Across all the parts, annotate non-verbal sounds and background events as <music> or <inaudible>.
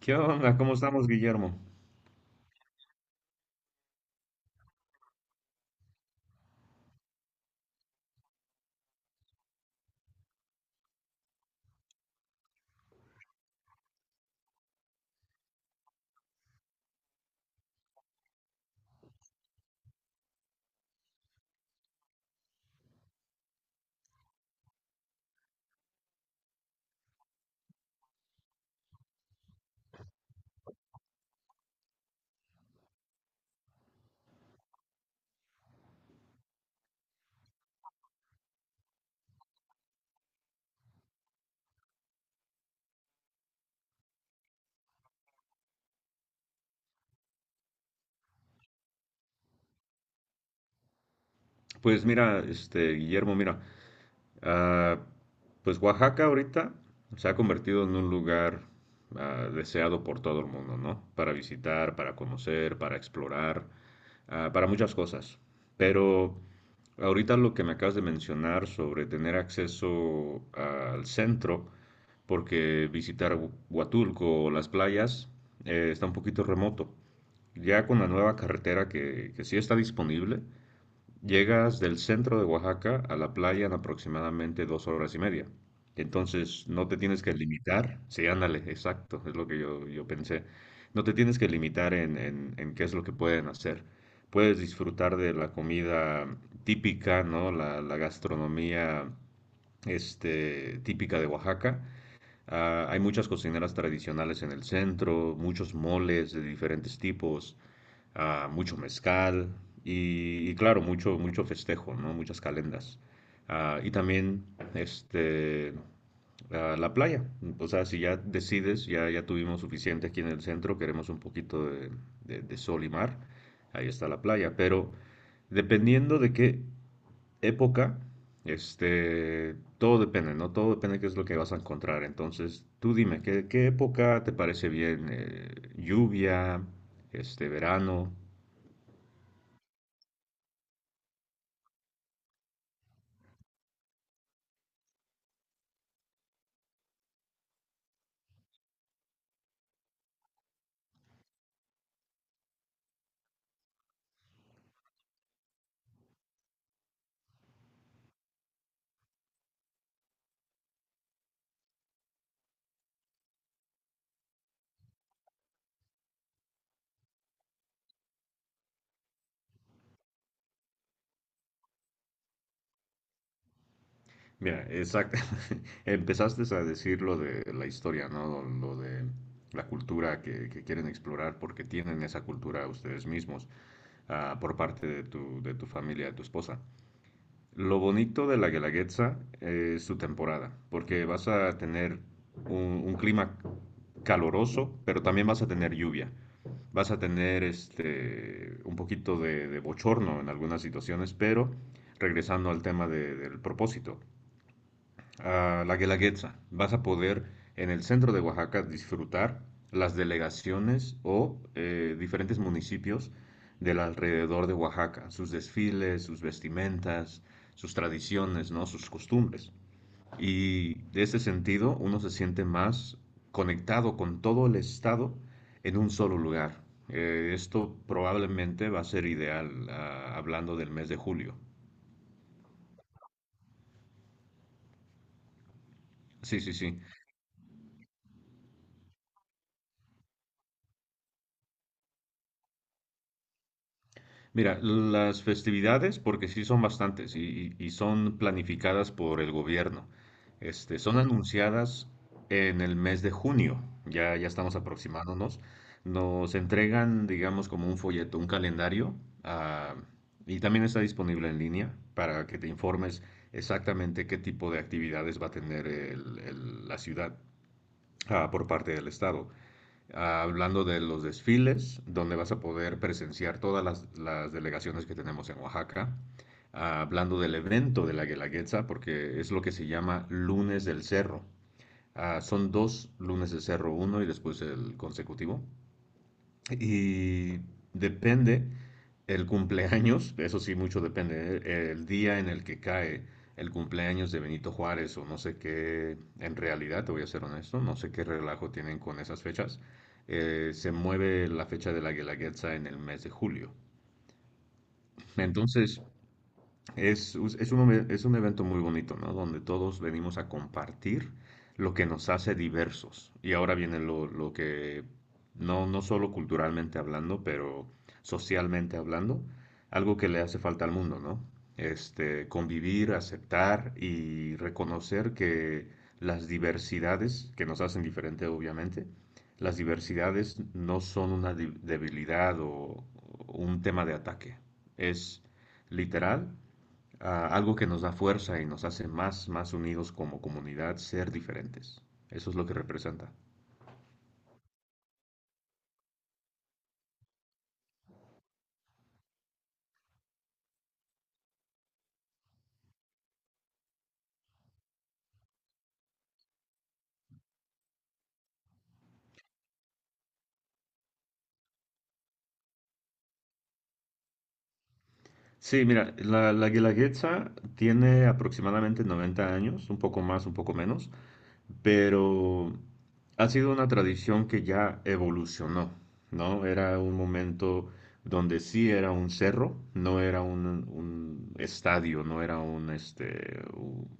¿Qué onda? ¿Cómo estamos, Guillermo? Pues mira, Guillermo, mira. Ah, pues Oaxaca ahorita se ha convertido en un lugar deseado por todo el mundo, ¿no? Para visitar, para conocer, para explorar, para muchas cosas. Pero ahorita lo que me acabas de mencionar sobre tener acceso al centro, porque visitar Huatulco o las playas está un poquito remoto. Ya con la nueva carretera que sí está disponible, llegas del centro de Oaxaca a la playa en aproximadamente 2 horas y media. Entonces, no te tienes que limitar. Sí, ándale, exacto, es lo que yo pensé. No te tienes que limitar en, qué es lo que pueden hacer. Puedes disfrutar de la comida típica, ¿no? La gastronomía típica de Oaxaca. Hay muchas cocineras tradicionales en el centro, muchos moles de diferentes tipos, mucho mezcal, y claro, mucho, mucho festejo, ¿no? Muchas calendas. Y también, este, a la playa. O sea, si ya decides, ya, ya tuvimos suficiente aquí en el centro, queremos un poquito de sol y mar, ahí está la playa. Pero dependiendo de qué época, todo depende, ¿no? Todo depende de qué es lo que vas a encontrar. Entonces, tú dime, ¿qué época te parece bien? ¿Lluvia, verano? Mira, exacto. <laughs> Empezaste a decir lo de la historia, ¿no? Lo de la cultura que quieren explorar porque tienen esa cultura ustedes mismos, por parte de tu familia, de tu esposa. Lo bonito de la Guelaguetza es su temporada, porque vas a tener un clima caloroso, pero también vas a tener lluvia. Vas a tener, un poquito de bochorno en algunas situaciones, pero regresando al tema del propósito, a la Guelaguetza. Vas a poder en el centro de Oaxaca disfrutar las delegaciones o, diferentes municipios del alrededor de Oaxaca, sus desfiles, sus vestimentas, sus tradiciones, ¿no? Sus costumbres. Y de ese sentido uno se siente más conectado con todo el estado en un solo lugar. Esto probablemente va a ser ideal, hablando del mes de julio. Sí, sí, sí. Mira, las festividades, porque sí son bastantes y son planificadas por el gobierno, son anunciadas en el mes de junio, ya, ya estamos aproximándonos, nos entregan, digamos, como un folleto, un calendario, ah, y también está disponible en línea para que te informes exactamente qué tipo de actividades va a tener la ciudad, por parte del Estado, hablando de los desfiles, donde vas a poder presenciar todas las delegaciones que tenemos en Oaxaca. Hablando del evento de la Guelaguetza, porque es lo que se llama lunes del cerro. Son dos lunes del cerro, uno y después el consecutivo. Y depende el cumpleaños, eso sí, mucho depende, ¿eh? El día en el que cae el cumpleaños de Benito Juárez o no sé qué. En realidad, te voy a ser honesto, no sé qué relajo tienen con esas fechas. Se mueve la fecha de la Guelaguetza en el mes de julio. Entonces, es, us- es un, ome- es un evento muy bonito, ¿no? Donde todos venimos a compartir lo que nos hace diversos. Y ahora viene no, no solo culturalmente hablando, pero socialmente hablando, algo que le hace falta al mundo, ¿no? Convivir, aceptar y reconocer que las diversidades, que nos hacen diferente, obviamente, las diversidades no son una debilidad o un tema de ataque. Es literal a algo que nos da fuerza y nos hace más, más unidos como comunidad, ser diferentes. Eso es lo que representa. Sí, mira, la Guelaguetza tiene aproximadamente 90 años, un poco más, un poco menos, pero ha sido una tradición que ya evolucionó, ¿no? Era un momento donde sí era un cerro, no era un estadio, no era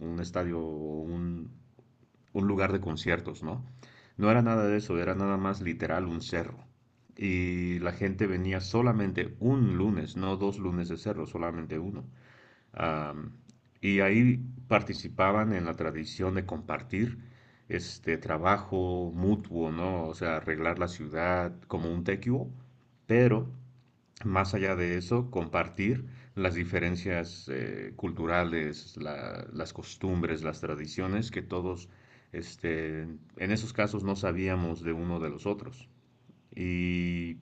un estadio o un lugar de conciertos, ¿no? No era nada de eso, era nada más literal un cerro. Y la gente venía solamente un lunes, no dos lunes de cerro, solamente uno. Am, y ahí participaban en la tradición de compartir este trabajo mutuo, ¿no? O sea, arreglar la ciudad como un tequio, pero más allá de eso, compartir las diferencias, culturales, las costumbres, las tradiciones que todos, este, en esos casos, no sabíamos de uno de los otros. Y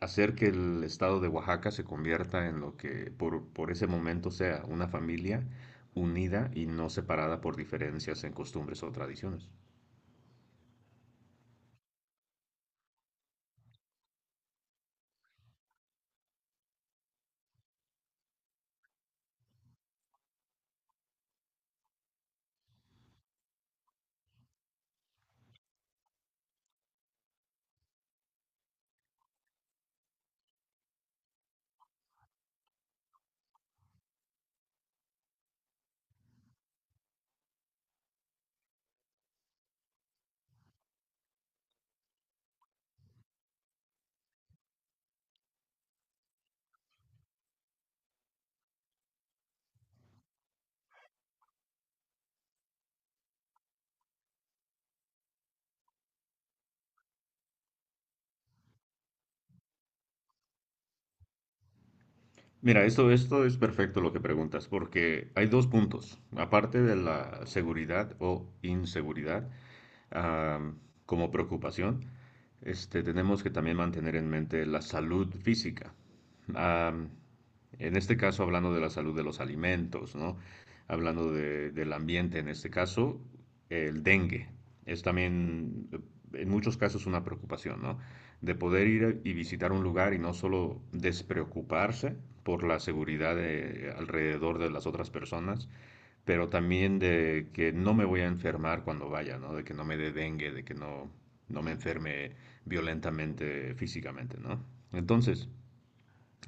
hacer que el estado de Oaxaca se convierta en lo que, por ese momento, sea una familia unida y no separada por diferencias en costumbres o tradiciones. Mira, esto es perfecto lo que preguntas, porque hay dos puntos. Aparte de la seguridad o inseguridad, ah, como preocupación, tenemos que también mantener en mente la salud física. Am, en este caso, hablando de la salud de los alimentos, ¿no? Hablando del ambiente, en este caso, el dengue es también, en muchos casos, una preocupación, ¿no? De poder ir y visitar un lugar y no solo despreocuparse por la seguridad alrededor de las otras personas, pero también de que no me voy a enfermar cuando vaya, ¿no? De que no me dé dengue, de que no, no me enferme violentamente físicamente, ¿no? Entonces,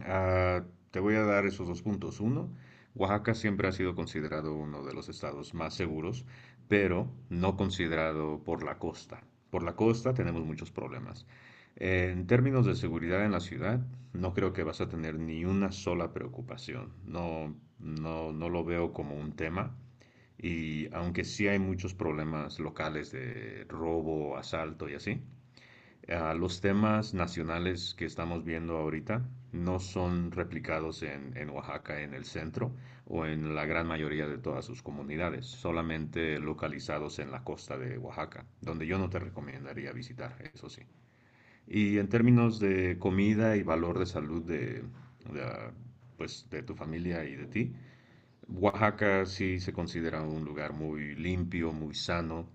Ah, te voy a dar esos dos puntos. Uno, Oaxaca siempre ha sido considerado uno de los estados más seguros, pero no considerado por la costa. Por la costa tenemos muchos problemas. En términos de seguridad en la ciudad, no creo que vas a tener ni una sola preocupación. No, no, no lo veo como un tema. Y aunque sí hay muchos problemas locales de robo, asalto y así, los temas nacionales que estamos viendo ahorita no son replicados en Oaxaca, en el centro o en la gran mayoría de todas sus comunidades, solamente localizados en la costa de Oaxaca, donde yo no te recomendaría visitar, eso sí. Y en términos de comida y valor de salud de, pues, de tu familia y de ti, Oaxaca sí se considera un lugar muy limpio, muy sano.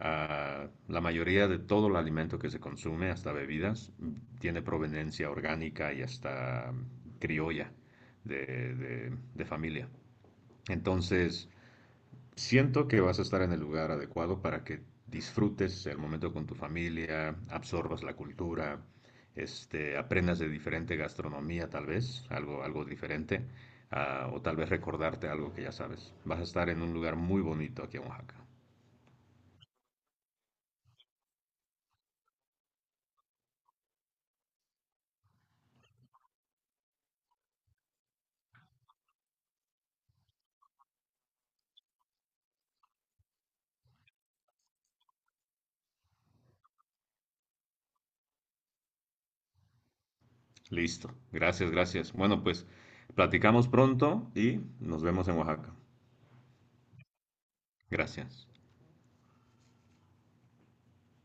La mayoría de todo el alimento que se consume, hasta bebidas, tiene proveniencia orgánica y hasta, criolla de, de familia. Entonces, siento que vas a estar en el lugar adecuado para que disfrutes el momento con tu familia, absorbas la cultura, aprendas de diferente gastronomía, tal vez algo diferente, o tal vez recordarte algo que ya sabes. Vas a estar en un lugar muy bonito aquí en Oaxaca. Listo. Gracias, gracias. Bueno, pues platicamos pronto y nos vemos en Oaxaca. Gracias.